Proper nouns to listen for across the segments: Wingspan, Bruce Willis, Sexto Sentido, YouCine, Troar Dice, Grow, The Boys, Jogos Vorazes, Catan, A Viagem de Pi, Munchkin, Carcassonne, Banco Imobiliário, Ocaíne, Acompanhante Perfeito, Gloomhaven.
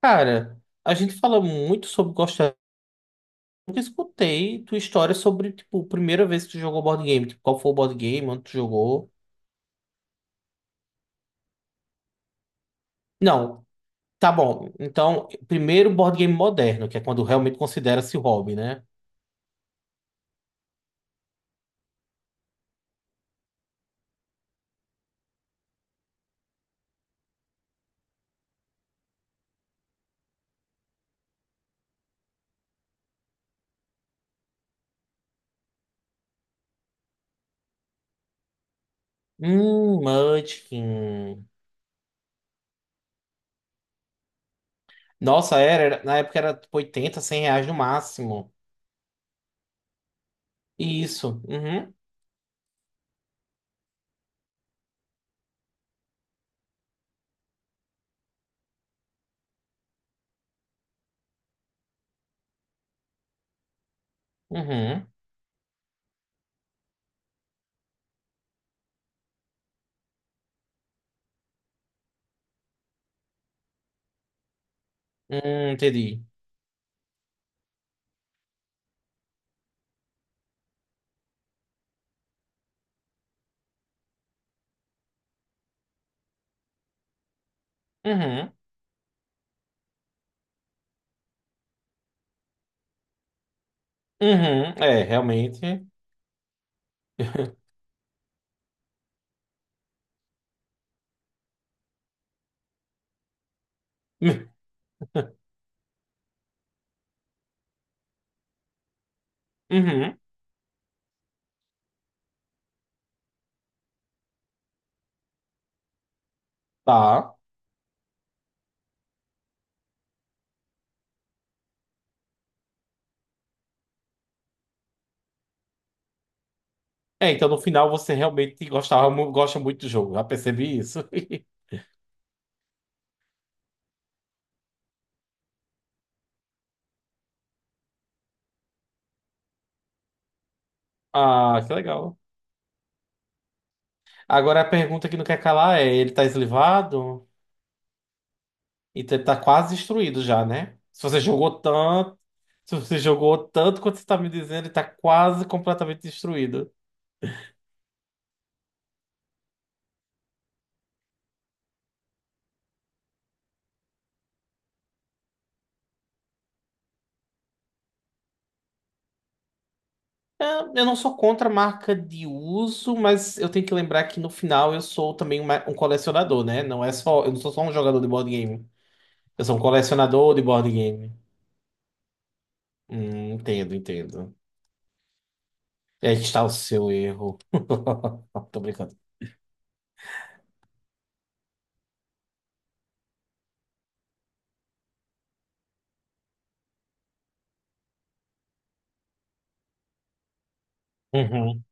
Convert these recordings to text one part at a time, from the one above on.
Cara, a gente fala muito sobre gostar. Nunca escutei tua história sobre, tipo, a primeira vez que tu jogou board game. Tipo, qual foi o board game, onde tu jogou. Não, tá bom. Então, primeiro board game moderno, que é quando realmente considera-se hobby, né? Munchkin. Nossa, na época era tipo 80, R$ 100 no máximo. Isso. Uhum, uhum. Entendi. Uhum, uhum. É, realmente. Uhum, tá. É, então no final você realmente gostava, gosta muito do jogo. Já percebi isso. Ah, que legal. Agora a pergunta que não quer calar é: ele tá eslivado? Então ele tá quase destruído já, né? Se você jogou tanto quanto você tá me dizendo, ele tá quase completamente destruído. É, eu não sou contra a marca de uso, mas eu tenho que lembrar que no final eu sou também um colecionador, né? Não é só, eu não sou só um jogador de board game. Eu sou um colecionador de board game. Entendo, entendo. É, está o seu erro. Tô brincando. Uhum,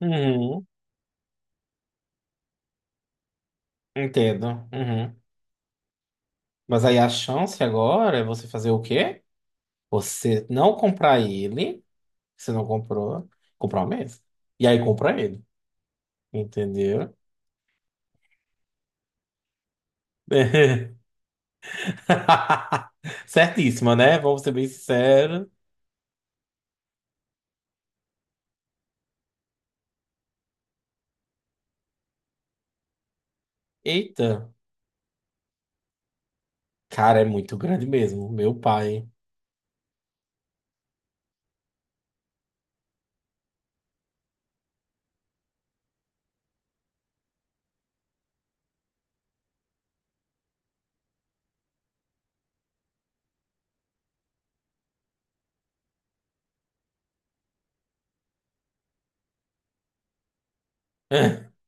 uhum, entendo. Uhum. Mas aí a chance agora é você fazer o quê? Você não comprar ele. Você não comprou. Comprar o mesmo. E aí compra ele. Entendeu? Certíssima, né? Vamos ser bem sinceros. Eita, cara, é muito grande mesmo. Meu pai.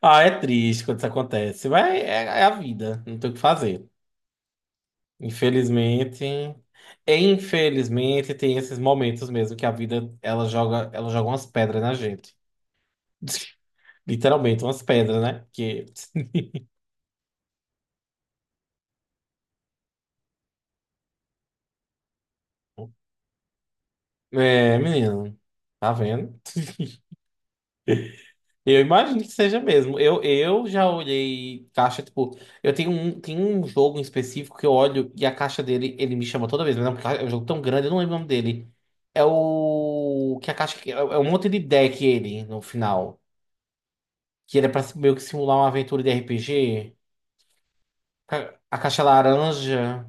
Ah, é triste quando isso acontece. Mas é a vida. Não tem o que fazer. Infelizmente, infelizmente tem esses momentos mesmo que a vida ela joga umas pedras na gente. Literalmente umas pedras, né? Que é, menino, tá vendo? Eu imagino que seja mesmo. Eu já olhei caixa, tipo, tem um jogo em específico que eu olho e a caixa dele, ele me chama toda vez, mas é um jogo tão grande, eu não lembro o nome dele. É o que a caixa é um monte de deck ele no final, que ele é para meio que simular uma aventura de RPG. A caixa laranja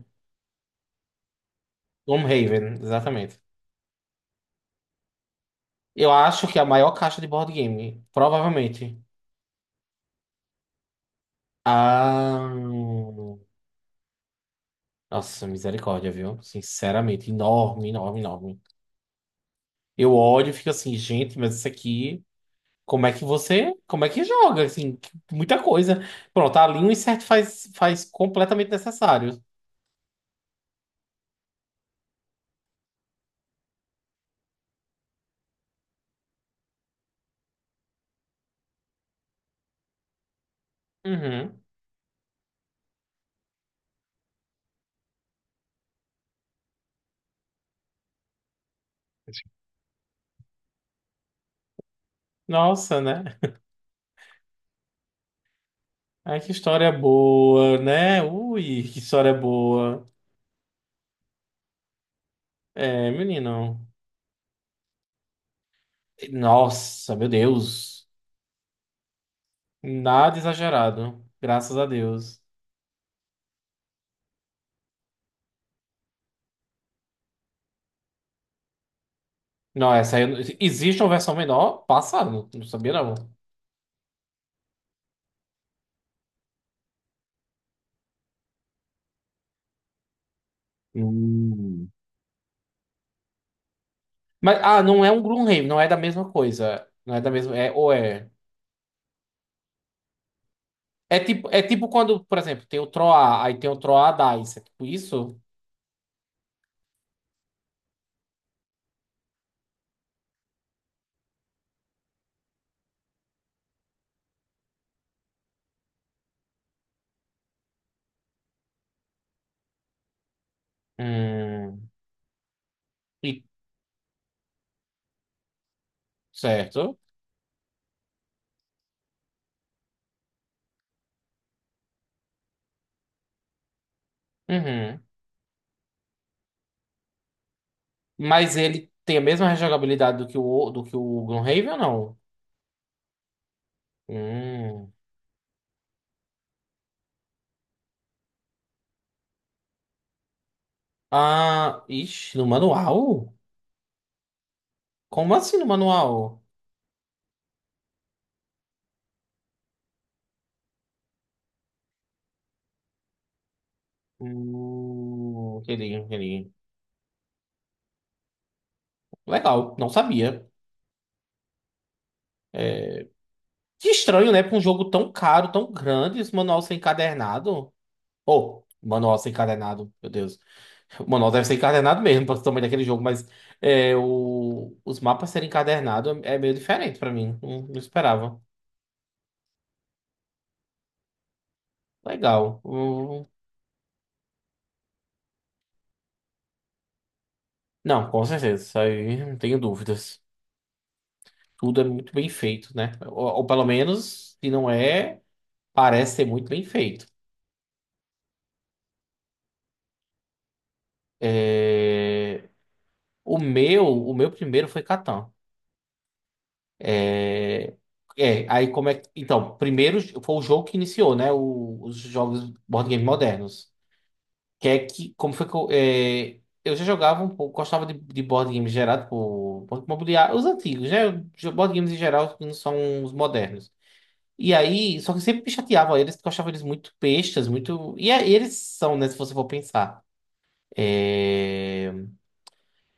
Gloomhaven, exatamente. Eu acho que é a maior caixa de board game, provavelmente. Ah, nossa, misericórdia, viu? Sinceramente, enorme, enorme, enorme. Eu olho e fico assim, gente, mas isso aqui, como é que joga? Assim, muita coisa. Pronto, ali um insert faz completamente necessário. Uhum. Nossa, né? Ai, que história boa, né? Ui, que história boa. É, menino. Nossa, meu Deus. Nada exagerado. Graças a Deus. Não, essa aí. Eu não- Existe uma versão menor? Passaram. Não sabia, não. Hum. Mas, ah, não é um Gloomhaven, não é da mesma coisa. Não é da mesma. É, ou é. É tipo quando, por exemplo, tem o Troar, aí tem o Troar Dice. É tipo isso? Hum. E- Certo. Uhum. Mas ele tem a mesma rejogabilidade do que o Gloomhaven ou não? Hum. Ah, ixi, no manual? Como assim no manual? Aquele, aquele. Legal, não sabia. É, que estranho, né? Pra um jogo tão caro, tão grande, esse manual ser encadernado. Oh, manual ser encadernado, meu Deus. O manual deve ser encadernado mesmo, para o tamanho daquele jogo, mas os mapas serem encadernados é meio diferente pra mim. Não, não esperava. Legal. Hum. Não, com certeza, isso aí não tenho dúvidas. Tudo é muito bem feito, né? Ou pelo menos, se não é, parece ser muito bem feito. É, o meu primeiro foi Catan. É, aí como é que. Então, primeiro foi o jogo que iniciou, né? Os jogos board game modernos. Que é que, como foi que eu. É, eu já jogava um pouco, gostava de board games gerado por Banco Imobiliário, os antigos, né? Board games em geral que não são os modernos. E aí, só que eu sempre me chateava eles, porque eu achava eles muito bestas, muito. Eles são, né? Se você for pensar. É,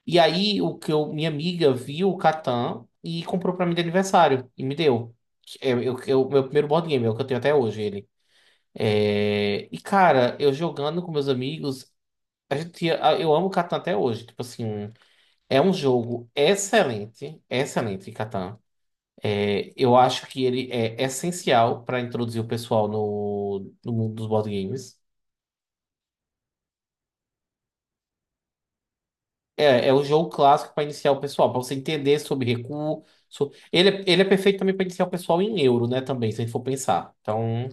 e aí, minha amiga viu o Catan e comprou pra mim de aniversário e me deu. É, meu primeiro board game, é o que eu tenho até hoje, ele. É, e, cara, eu jogando com meus amigos, a gente, tinha- a- eu amo Catan até hoje. Tipo assim, é um jogo excelente, excelente, Catan. É, eu acho que ele é essencial pra introduzir o pessoal no mundo dos board games. É, é o jogo clássico para iniciar o pessoal, para você entender sobre recuo. Ele é perfeito também para iniciar o pessoal em euro, né? Também, se a gente for pensar. Então.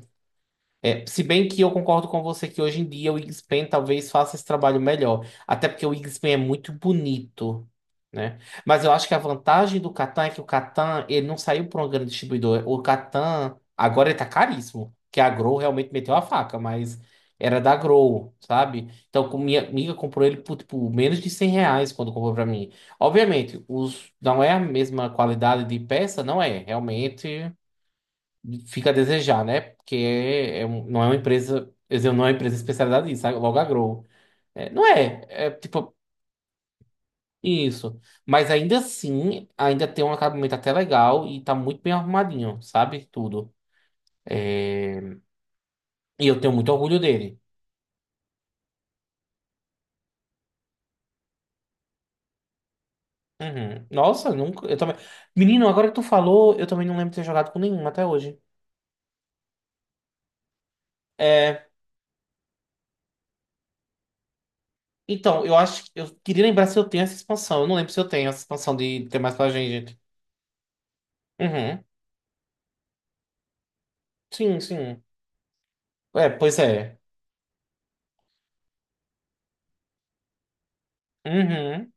É, se bem que eu concordo com você que hoje em dia o Wingspan talvez faça esse trabalho melhor. Até porque o Wingspan é muito bonito, né? Mas eu acho que a vantagem do Catan é que o Catan, ele não saiu por um grande distribuidor. O Catan, agora ele tá caríssimo. Que a Grow realmente meteu a faca, mas era da Grow, sabe? Então, minha amiga comprou ele por, tipo, menos de R$ 100 quando comprou pra mim. Obviamente, não é a mesma qualidade de peça, não é. Realmente fica a desejar, né? Porque não é uma empresa, quer dizer, não é uma empresa especializada nisso, sabe? Logo a É, não é, é tipo isso. Mas ainda assim, ainda tem um acabamento até legal e tá muito bem arrumadinho, sabe? Tudo. E eu tenho muito orgulho dele. Uhum. Nossa, nunca, eu também. Menino, agora que tu falou, eu também não lembro de ter jogado com nenhum até hoje. É, então, eu acho que eu queria lembrar se eu tenho essa expansão. Eu não lembro se eu tenho essa expansão de ter mais pra gente. Uhum. Sim, sim. É, pois é. Uhum.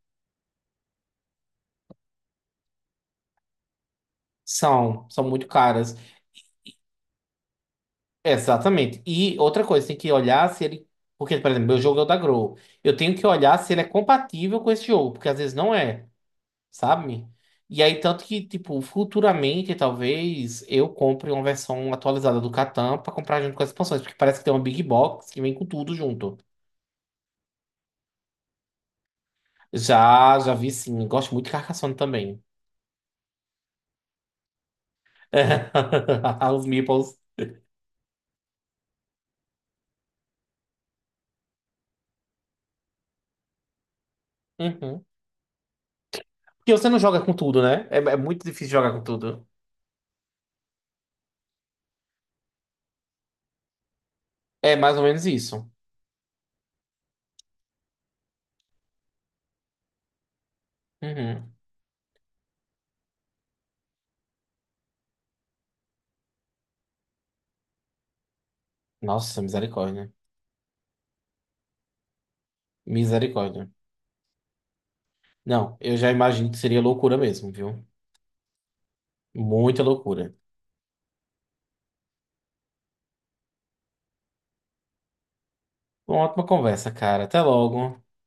São muito caras. Exatamente. E outra coisa, tem que olhar se ele. Porque, por exemplo, meu jogo é o da Grow. Eu tenho que olhar se ele é compatível com esse jogo, porque às vezes não é, sabe? E aí, tanto que, tipo, futuramente, talvez eu compre uma versão atualizada do Catan pra comprar junto com as expansões, porque parece que tem uma Big Box que vem com tudo junto. Já, já vi sim. Gosto muito de Carcassonne também. Os meeples. Uhum. Porque você não joga com tudo, né? É muito difícil jogar com tudo. É mais ou menos isso. Uhum. Nossa, misericórdia. Misericórdia. Não, eu já imagino que seria loucura mesmo, viu? Muita loucura. Uma ótima conversa, cara. Até logo.